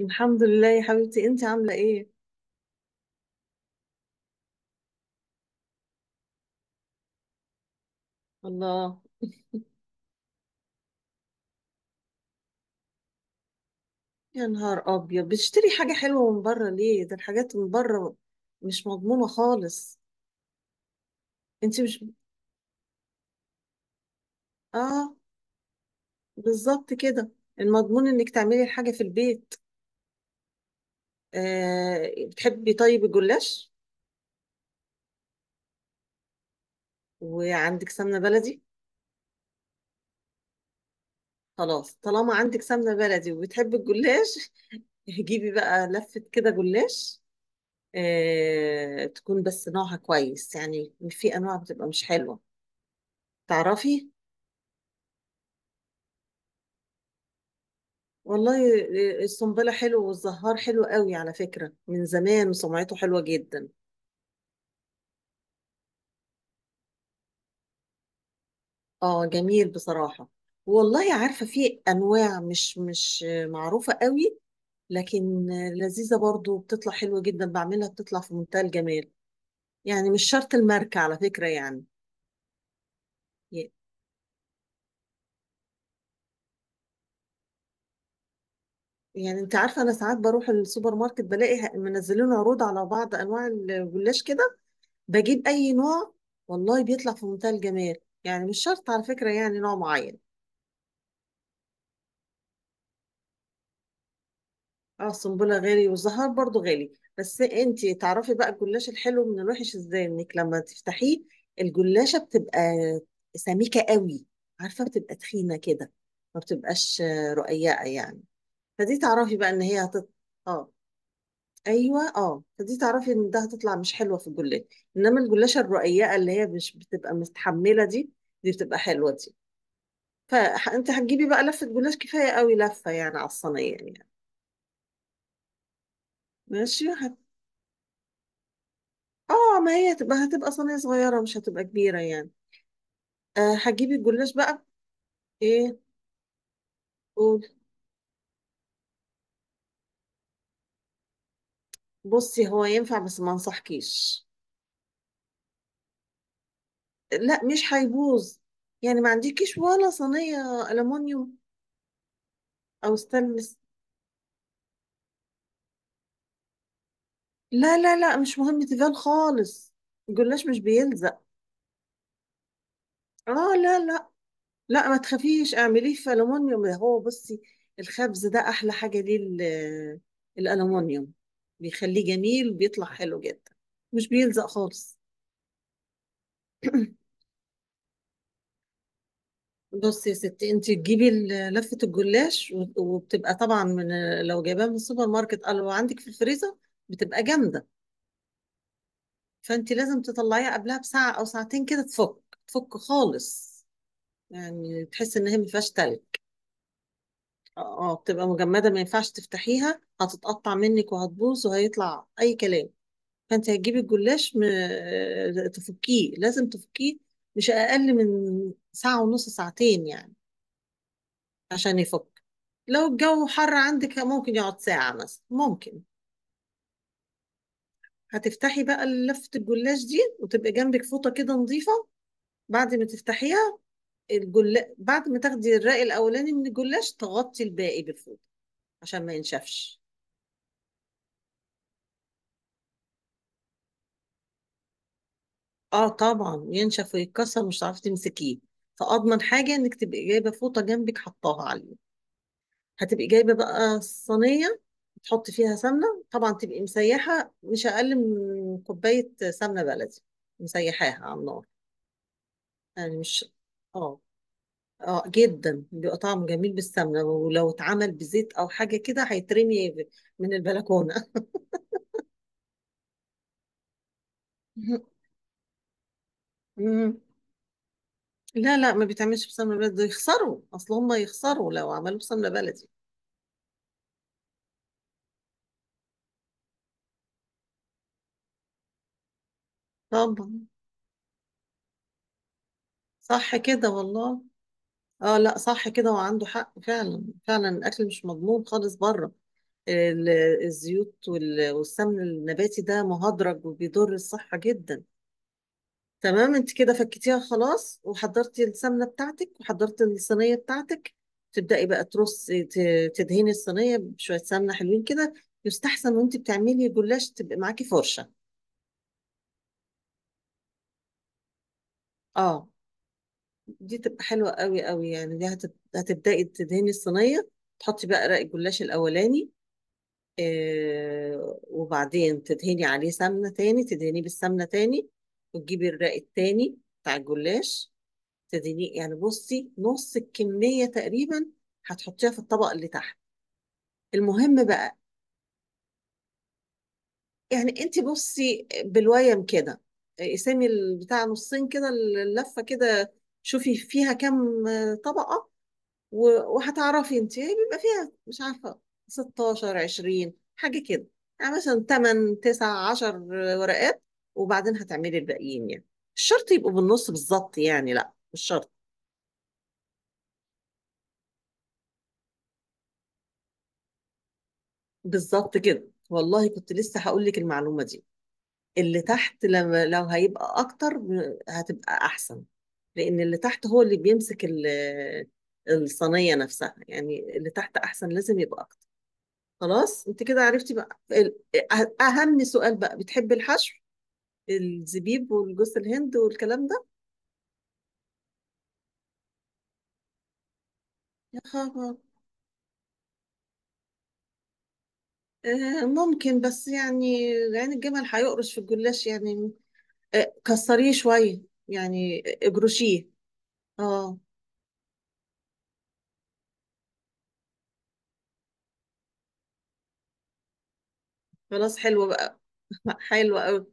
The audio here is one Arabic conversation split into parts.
الحمد لله يا حبيبتي، انت عاملة ايه؟ الله، يا نهار ابيض بتشتري حاجة حلوة من بره ليه؟ ده الحاجات من بره مش مضمونة خالص. انت مش اه بالظبط كده، المضمون انك تعملي الحاجة في البيت. بتحبي طيب الجلاش؟ وعندك سمنة بلدي؟ خلاص، طالما عندك سمنة بلدي وبتحبي الجلاش جيبي بقى لفة كده جلاش. تكون بس نوعها كويس، يعني في انواع بتبقى مش حلوة، تعرفي. والله الصنبلة حلو والزهار حلو قوي على فكرة، من زمان وسمعته حلوة جدا. اه جميل بصراحة. والله عارفة في أنواع مش معروفة قوي، لكن لذيذة برضو، بتطلع حلوة جدا، بعملها بتطلع في منتهى الجمال. يعني مش شرط الماركة على فكرة يعني. يعني انت عارفة انا ساعات بروح السوبر ماركت بلاقي منزلين عروض على بعض انواع الجلاش كده، بجيب اي نوع والله بيطلع في منتهى الجمال. يعني مش شرط على فكرة يعني نوع معين. اه السنبله غالي والزهر برضو غالي. بس انتي تعرفي بقى الجلاش الحلو من الوحش ازاي؟ انك لما تفتحيه الجلاشه بتبقى سميكه قوي، عارفه بتبقى تخينه كده، ما بتبقاش رقيقه يعني. فدي تعرفي بقى ان هي هتط... اه ايوه اه، فدي تعرفي ان ده هتطلع مش حلوه في الجلاش. انما الجلاشه الرقيقه اللي هي مش بتبقى مستحمله دي، دي بتبقى حلوه دي. فانت هتجيبي بقى لفه جلاش كفايه قوي لفه، يعني على الصينيه يعني. ماشي. اه ما هي هتبقى صينية صغيرة، مش هتبقى كبيرة يعني. أه هتجيبي الجلاش بقى. ايه؟ قول. بصي، هو ينفع بس ما انصحكيش. لا مش هيبوظ. يعني ما عندكيش ولا صينية ألمونيوم أو ستانلس؟ لا مش مهم تيفال خالص، الجلاش مش بيلزق. اه، لا ما تخافيش اعمليه في ألمونيوم. ده هو بصي الخبز ده أحلى حاجة ليه الألمونيوم بيخليه جميل، بيطلع حلو جدا، مش بيلزق خالص. بصي يا ستي، انت تجيبي لفة الجلاش وبتبقى طبعا من، لو جايباها من السوبر ماركت او لو عندك في الفريزر بتبقى جامدة. فانت لازم تطلعيها قبلها بساعة او ساعتين كده، تفك تفك خالص، يعني تحس ان هي ما فيهاش تلج. اه بتبقى مجمدة، ما ينفعش تفتحيها، هتتقطع منك وهتبوظ وهيطلع اي كلام. فانت هتجيبي الجلاش م... اه، تفكيه، لازم تفكيه مش اقل من ساعة ونص، ساعتين يعني، عشان يفك. لو الجو حر عندك ممكن يقعد ساعة مثلا ممكن. هتفتحي بقى لفة الجلاش دي وتبقى جنبك فوطة كده نظيفة. بعد ما تفتحيها بعد ما تاخدي الرأي الأولاني من الجلاش تغطي الباقي بالفوطة عشان ما ينشفش. اه طبعا ينشف ويتكسر، مش هتعرفي تمسكيه. فأضمن حاجة إنك تبقي جايبة فوطة جنبك حطاها عليه. هتبقي جايبة بقى صينية، تحطي فيها سمنة طبعا، تبقي مسيحة مش أقل من كوباية سمنة بلدي، مسيحاها على النار. يعني مش اه، اه جدا بيبقى طعمه جميل بالسمنة، ولو اتعمل بزيت او حاجة كده هيترمي من البلكونة مم. لا ما بيتعملش بسمنة بلدي، ده يخسروا، اصل هم يخسروا لو عملوا بسمنة بلدي. طبعا. صح كده والله. اه لا صح كده، وعنده حق فعلا، فعلا الاكل مش مضمون خالص بره. ال- الزيوت والسمن النباتي ده مهدرج وبيضر الصحة جدا. تمام انت كده فكتيها خلاص وحضرتي السمنه بتاعتك وحضرتي الصينيه بتاعتك. تبداي بقى ترصي، تدهني الصينيه بشويه سمنه حلوين كده. يستحسن وانت بتعملي جلاش تبقى معاكي فرشه. اه دي تبقى حلوه قوي قوي يعني. دي هتبداي تدهني الصينيه، تحطي بقى رق الجلاش الاولاني. آه وبعدين تدهني عليه سمنه تاني، تدهنيه بالسمنه تاني، وتجيبي الرق التاني بتاع الجلاش. تديني يعني، بصي، نص الكمية تقريبا هتحطيها في الطبق اللي تحت. المهم بقى، يعني انت بصي بالويم كده قسمي البتاع نصين كده اللفة كده، شوفي فيها كام طبقة، وهتعرفي انت بيبقى فيها، مش عارفة، 16 20 حاجة كده، يعني مثلا 8 9 10 ورقات، وبعدين هتعملي الباقيين يعني. مش شرط يبقوا بالنص بالظبط يعني، لا مش شرط. بالظبط كده والله، كنت لسه هقول لك المعلومة دي. اللي تحت لما لو هيبقى اكتر هتبقى احسن، لان اللي تحت هو اللي بيمسك الصينية نفسها. يعني اللي تحت احسن لازم يبقى اكتر. خلاص انت كده عرفتي بقى اهم سؤال بقى: بتحبي الحشو، الزبيب والجوز الهند والكلام ده؟ يا خبر. ممكن بس يعني عين الجمل هيقرش في الجلاش يعني، كسريه شوية يعني، اجرشيه. اه خلاص، حلو بقى، حلو قوي.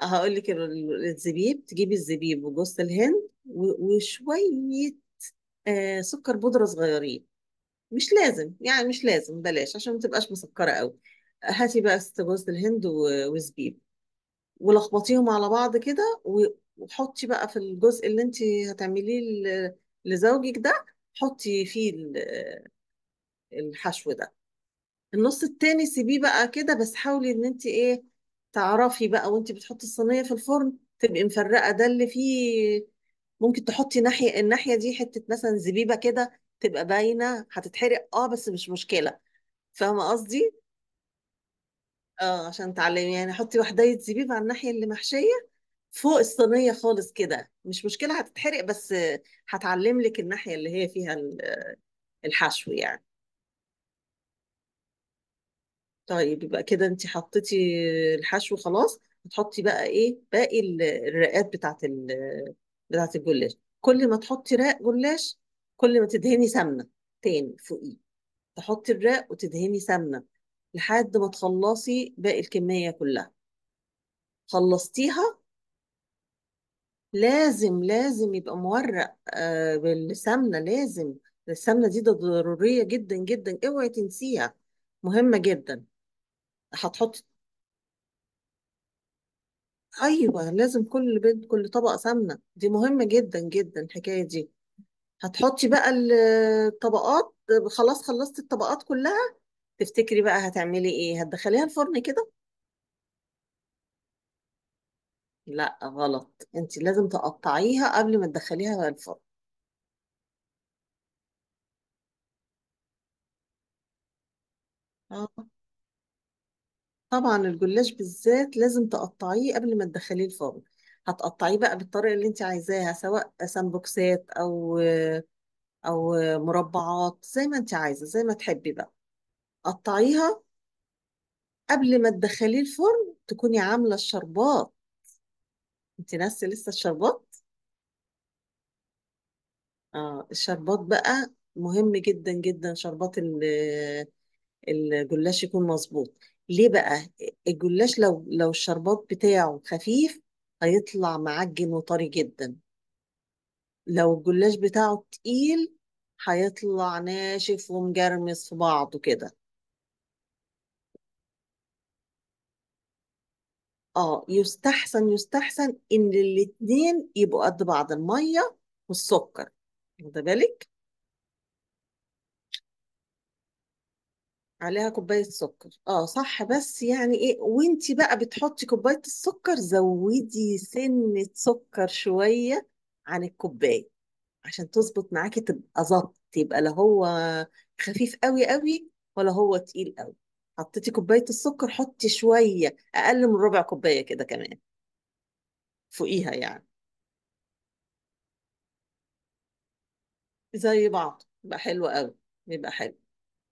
هقول لك الزبيب، تجيبي الزبيب وجوز الهند وشوية سكر بودرة صغيرين، مش لازم يعني، مش لازم، بلاش عشان ما تبقاش مسكرة قوي. هاتي بقى ست جوز الهند وزبيب ولخبطيهم على بعض كده وحطي بقى في الجزء اللي انت هتعمليه ل- لزوجك ده، حطي فيه الحشو ده. النص التاني سيبيه بقى كده، بس حاولي ان انت ايه، تعرفي بقى وانت بتحطي الصينية في الفرن تبقي مفرقة ده اللي فيه. ممكن تحطي ناحية، الناحية دي حتة مثلا زبيبة كده تبقى باينة، هتتحرق اه بس مش مشكلة. فاهمة قصدي؟ اه عشان تعلمي يعني، حطي وحداية زبيب على الناحية اللي محشية فوق الصينية خالص كده، مش مشكلة هتتحرق بس هتعلم لك الناحية اللي هي فيها الحشو يعني. طيب يبقى كده انت حطيتي الحشو خلاص، هتحطي بقى ايه؟ باقي الرقات بتاعت ال بتاعت الجلاش. كل ما تحطي رق جلاش كل ما تدهني سمنة تاني فوقيه، تحطي الرق وتدهني سمنة، لحد ما تخلصي باقي الكمية كلها. خلصتيها. لازم يبقى مورق آه بالسمنة لازم، السمنة دي ده ضرورية جدا جدا، اوعي تنسيها، مهمة جدا. هتحطي، ايوه لازم كل بيت، كل طبقه سمنه دي مهمه جدا جدا الحكايه دي. هتحطي بقى الطبقات. خلاص خلصتي الطبقات كلها، تفتكري بقى هتعملي ايه؟ هتدخليها الفرن كده؟ لا غلط، انت لازم تقطعيها قبل ما تدخليها الفرن. اه طبعا الجلاش بالذات لازم تقطعيه قبل ما تدخليه الفرن. هتقطعيه بقى بالطريقه اللي انت عايزاها، سواء سمبوكسات او او مربعات زي ما انت عايزه، زي ما تحبي بقى قطعيها. قبل ما تدخليه الفرن تكوني عاملة الشربات، انت ناسي لسه الشربات. اه الشربات بقى مهم جدا جدا، شربات الجلاش يكون مظبوط. ليه بقى؟ الجلاش لو، لو الشربات بتاعه خفيف هيطلع معجن وطري جدا، لو الجلاش بتاعه تقيل هيطلع ناشف ومجرمس في بعضه كده. اه يستحسن، يستحسن ان الاتنين يبقوا قد بعض، المية والسكر، واخده بالك؟ عليها كوباية سكر اه صح، بس يعني ايه، وانتي بقى بتحطي كوباية السكر زودي سنة سكر شوية عن الكوباية عشان تظبط معاكي، تبقى ظبط، يبقى لا هو خفيف قوي قوي ولا هو تقيل قوي. حطيتي كوباية السكر حطي شوية اقل من ربع كوباية كده كمان، فوقيها يعني، زي بعض يبقى حلو قوي، يبقى حلو.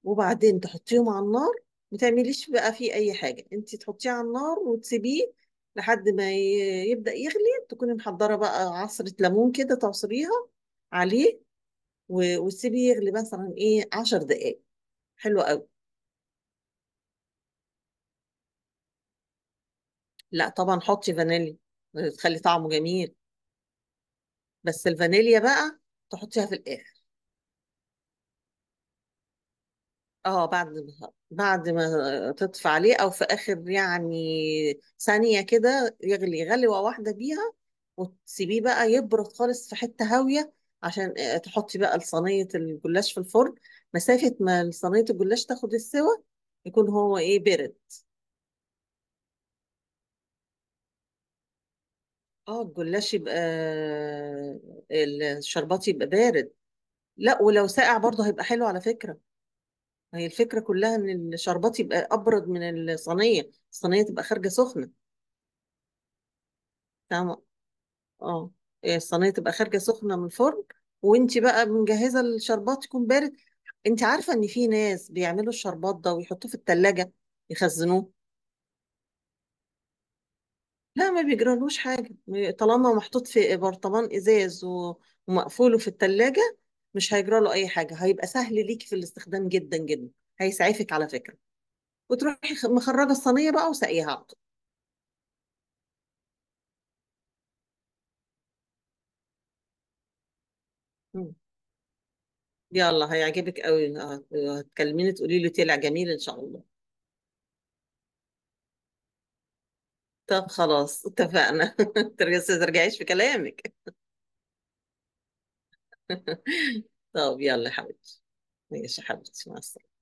وبعدين تحطيهم على النار، ما تعمليش بقى فيه اي حاجه، انت تحطيه على النار وتسيبيه لحد ما يبدا يغلي. تكوني محضره بقى عصره ليمون كده، تعصريها عليه وتسيبيه يغلي مثلا ايه 10 دقائق حلو قوي. لا طبعا حطي فانيليا، تخلي طعمه جميل. بس الفانيليا بقى تحطيها في الاخر. اه بعد ما، بعد ما تطفي عليه، او في اخر يعني ثانية كده يغلي غلوة واحدة بيها، وتسيبيه بقى يبرد خالص في حتة هاوية، عشان تحطي بقى صينية الجلاش في الفرن، مسافة ما صينية الجلاش تاخد السوا يكون هو ايه، برد. اه الجلاش يبقى الشربات يبقى بارد، لا ولو ساقع برضه هيبقى حلو على فكرة. هي الفكرة كلها ان الشربات يبقى ابرد من الصينية، الصينية تبقى خارجة سخنة. فاهمة؟ اه. الصينيه تبقى خارجه سخنه من الفرن، وانت بقى مجهزه الشربات يكون بارد. انت عارفه ان في ناس بيعملوا الشربات ده ويحطوه في الثلاجه يخزنوه؟ لا ما بيجرالوش حاجه، طالما محطوط في برطمان ازاز ومقفوله في الثلاجه مش هيجراله اي حاجه، هيبقى سهل ليكي في الاستخدام جدا جدا، هيسعفك على فكره، وتروحي مخرجه الصينيه بقى وسقيها على طول. مم. يلا هيعجبك قوي، هتكلميني تقولي لي طلع جميل ان شاء الله. طب خلاص اتفقنا. بس ما ترجعيش في كلامك. طب يلا يا حبيبتي. ماشي يا حبيبتي، مع السلامة.